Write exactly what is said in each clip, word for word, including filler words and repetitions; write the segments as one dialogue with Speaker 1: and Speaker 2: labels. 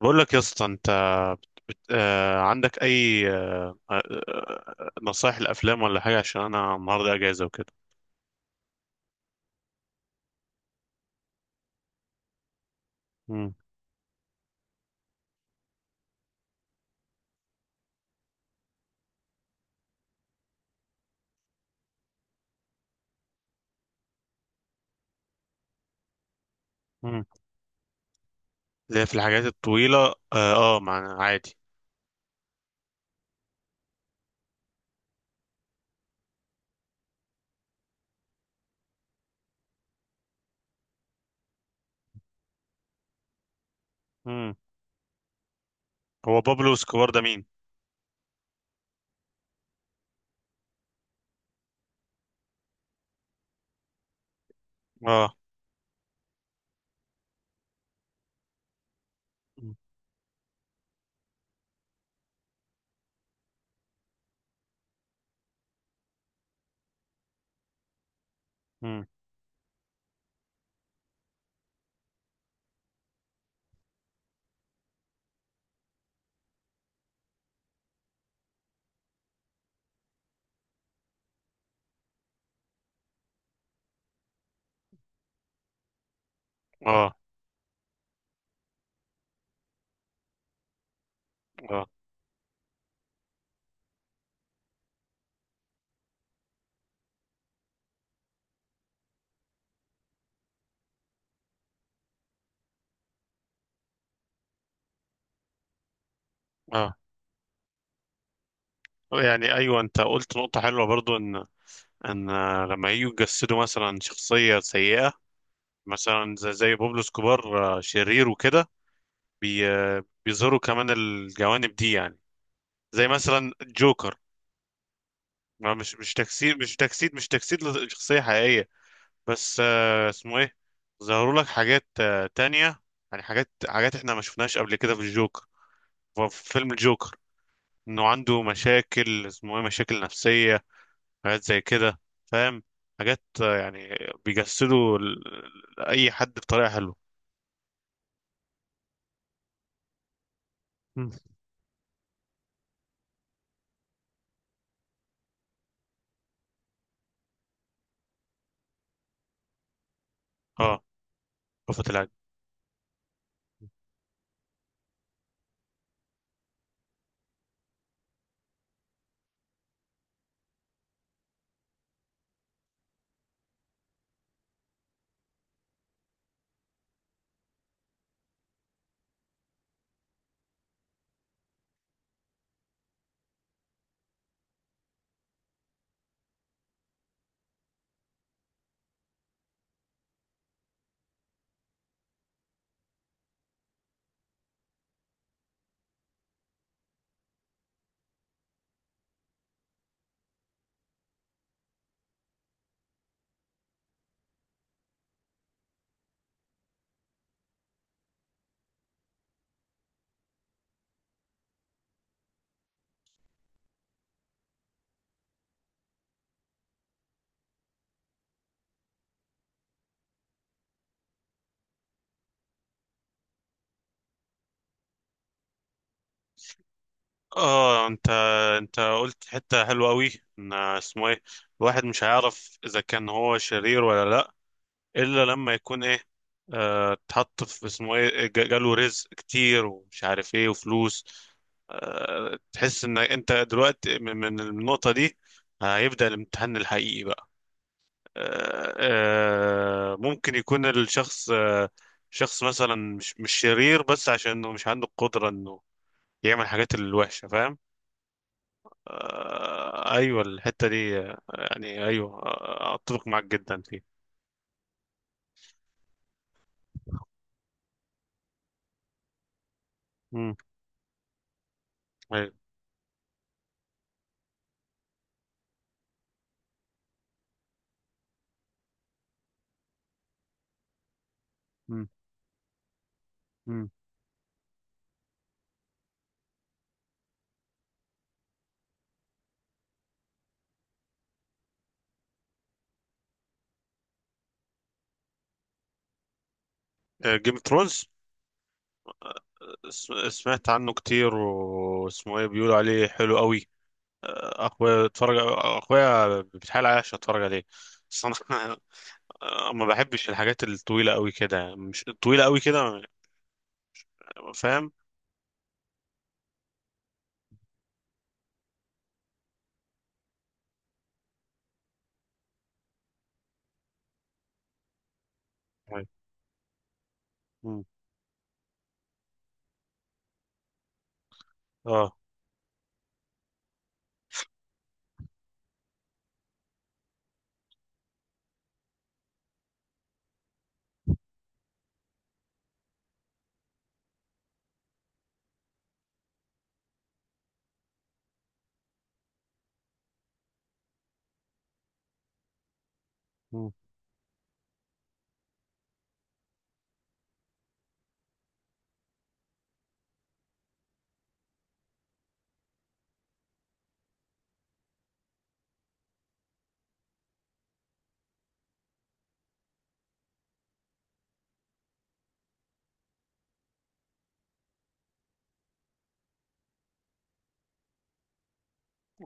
Speaker 1: بقول لك يا اسطى انت. بت... بت... آه... عندك اي آه... آه... آه، نصايح الافلام ولا حاجه عشان انا النهارده اجازه وكده. امم امم، اللي هي في الحاجات الطويله. اه, آه مع... عادي. امم. هو بابلو اسكوبار ده مين؟ اه. امم. اه. اه. اه. يعني ايوه، انت قلت نقطه حلوه برضو ان ان آه، لما يجوا يجسدوا مثلا شخصيه سيئه، مثلا زي, زي بابلو اسكوبار، آه، شرير وكده. بي... آه، بيظهروا كمان الجوانب دي يعني. زي مثلا جوكر، ما مش مش تجسيد مش تجسيد مش تجسيد لشخصية حقيقية. بس آه، اسمه ايه، ظهروا لك حاجات آه، تانية يعني. حاجات حاجات احنا ما شفناهاش قبل كده في الجوكر، في فيلم الجوكر، انه عنده مشاكل، اسمه ايه، مشاكل نفسية. حاجات زي كده، فاهم؟ حاجات آه، يعني بيجسدوا ال- ال- اي حد بطريقة حلوه. مم. اه. رأفت الهجان. اه. انت انت قلت حته حلوه قوي، ان اسمه ايه، الواحد مش هيعرف اذا كان هو شرير ولا لا الا لما يكون ايه، اه، اتحط في اسمه ايه، ج- جاله رزق كتير ومش عارف ايه وفلوس. اه، تحس ان انت دلوقتي من من النقطه دي هيبدا الامتحان الحقيقي بقى. اه اه، ممكن يكون الشخص اه، شخص مثلا مش مش شرير بس عشان انه مش عنده القدره انه يعمل حاجات الوحشه، فاهم؟ آه، ايوه، الحته دي آه، يعني ايوه، آه، اتفق معاك جدا فيها. امم. ايوه. امم. جيم اوف ثرونز، سمعت عنه كتير، واسمه ايه، بيقولوا عليه حلو قوي. آه، اخويا اتفرج، اخويا بيتحايل عليا عشان اتفرج عليه، بس انا آه، ما بحبش الحاجات الطويله قوي كده، يعني مش طويله قوي كده، فاهم؟ أيوة. مم. اه. مم.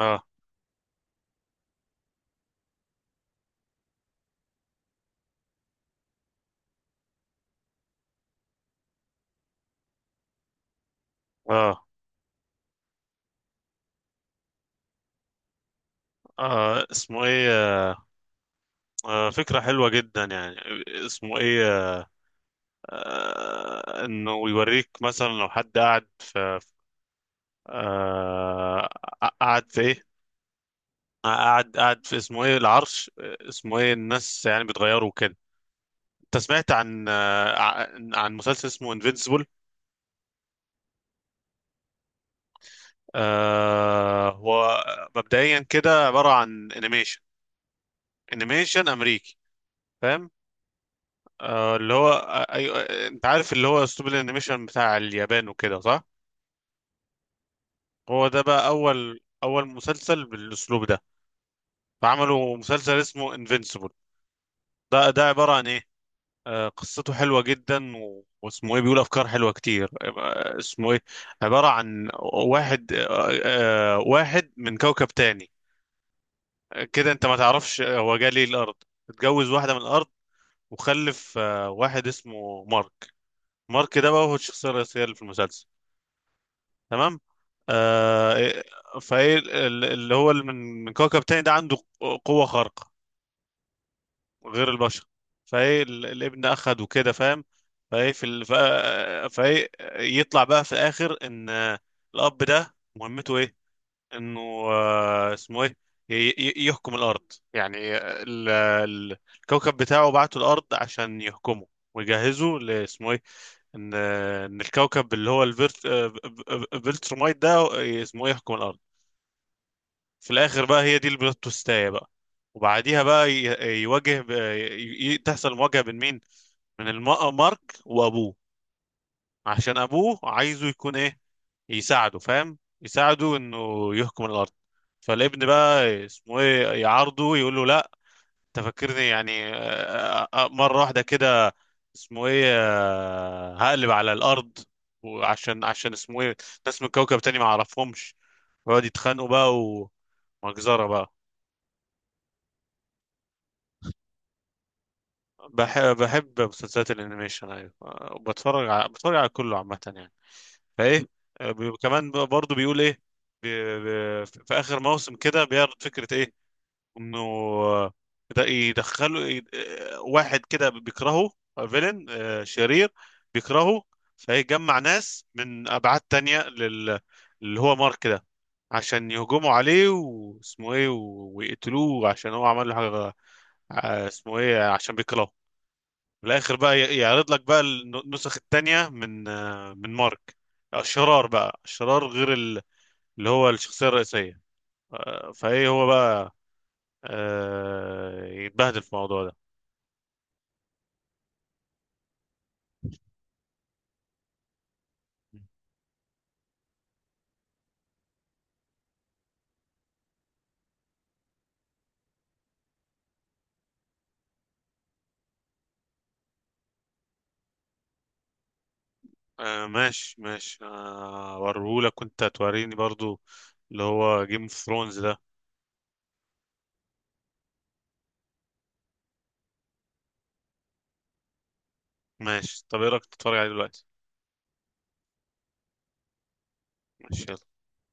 Speaker 1: اه. اه. آه، اسمه ايه، آه، فكرة حلوة جدا يعني. اسمه ايه، آه، انه يوريك مثلا لو حد قاعد في آه، قاعد في ايه، قاعد قاعد في اسمه ايه، العرش، آه، اسمه ايه، الناس يعني بتغيروا كده. انت سمعت عن آه، عن عن مسلسل اسمه انفينسيبل؟ آه، هو مبدئيا كده عبارة عن انيميشن، انيميشن امريكي، فاهم؟ آه، اللي هو آه، أيوة، آه، انت عارف، اللي هو اسلوب الانيميشن بتاع اليابان وكده، صح؟ هو ده بقى اول اول مسلسل بالاسلوب ده، فعملوا مسلسل اسمه انفينسيبل. ده ده عبارة عن ايه، آه، قصته حلوة جدا و... واسمه ايه، بيقول افكار حلوة كتير، آه اسمه ايه، عبارة عن واحد آه، آه واحد من كوكب تاني، آه، كده انت ما تعرفش هو جه ليه الارض، اتجوز واحدة من الارض وخلف آه واحد اسمه مارك. مارك ده بقى هو الشخصية الرئيسية اللي في المسلسل، تمام؟ آه إيه- فايه ال- اللي هو اللي من من كوكب تاني ده عنده قوة خارقة غير البشر. فايه ال- الابن اخد وكده، فاهم؟ فايه في ال... فا- فايه يطلع بقى في الاخر ان آه، الاب ده مهمته ايه، انه آه، اسمه ايه، ي- ي- يحكم الارض، يعني ال... ال- الكوكب بتاعه بعته الارض عشان يحكمه، ويجهزه لاسمه ايه، ان آه، ان الكوكب اللي هو الفيرت آه، ب- ب- بلترمايت ده، آه، اسمه ايه، يحكم الارض. في الاخر بقى هي دي البلوت تويستاية بقى، وبعديها بقى ي- يواجه ب- ي- ي- تحصل مواجهة بين مين، من الم- مارك وابوه، عشان ابوه عايزه يكون ايه، يساعده، فاهم؟ يساعده انه يحكم الارض. فالابن بقى اسمه ايه، يعارضه، يقول له لا، انت فاكرني يعني آه، آه، مره واحده كده اسمه ايه آه، هقلب على الارض، وعشان عشان اسمه ايه، ناس من كوكب تاني ما اعرفهمش، ويقعد يتخانقوا بقى، ومجزره بقى. بحب بحب مسلسلات الانيميشن، ايوه، آه، بتفرج على بتفرج على كله عامه يعني. فايه، آه، بي... كمان برضه بيقول ايه، بي... بي... في اخر موسم كده بيعرض فكره ايه، انه آه، ده يدخلوا ي- آه، واحد كده بيكرهه، فيلن، شرير، بيكرهه، فيجمع ناس من ابعاد تانية لل... اللي هو مارك ده، عشان يهجموا عليه واسمه ايه و... ويقتلوه عشان هو عمل له حاجه، آه، اسمه ايه، عشان بيكرهه. في الاخر بقى ي- يعرض لك بقى الن- النسخ التانية من آه، من مارك، الشرار بقى، الشرار غير ال- اللي هو الشخصية الرئيسية. آه، فايه هو بقى آه، يتبهدل في الموضوع ده. آه ماشي ماشي، آه وريهولك وانت توريني برضو اللي هو جيم اوف ثرونز ده. ماشي، طب ايه رأيك تتفرج عليه دلوقتي؟ ماشي.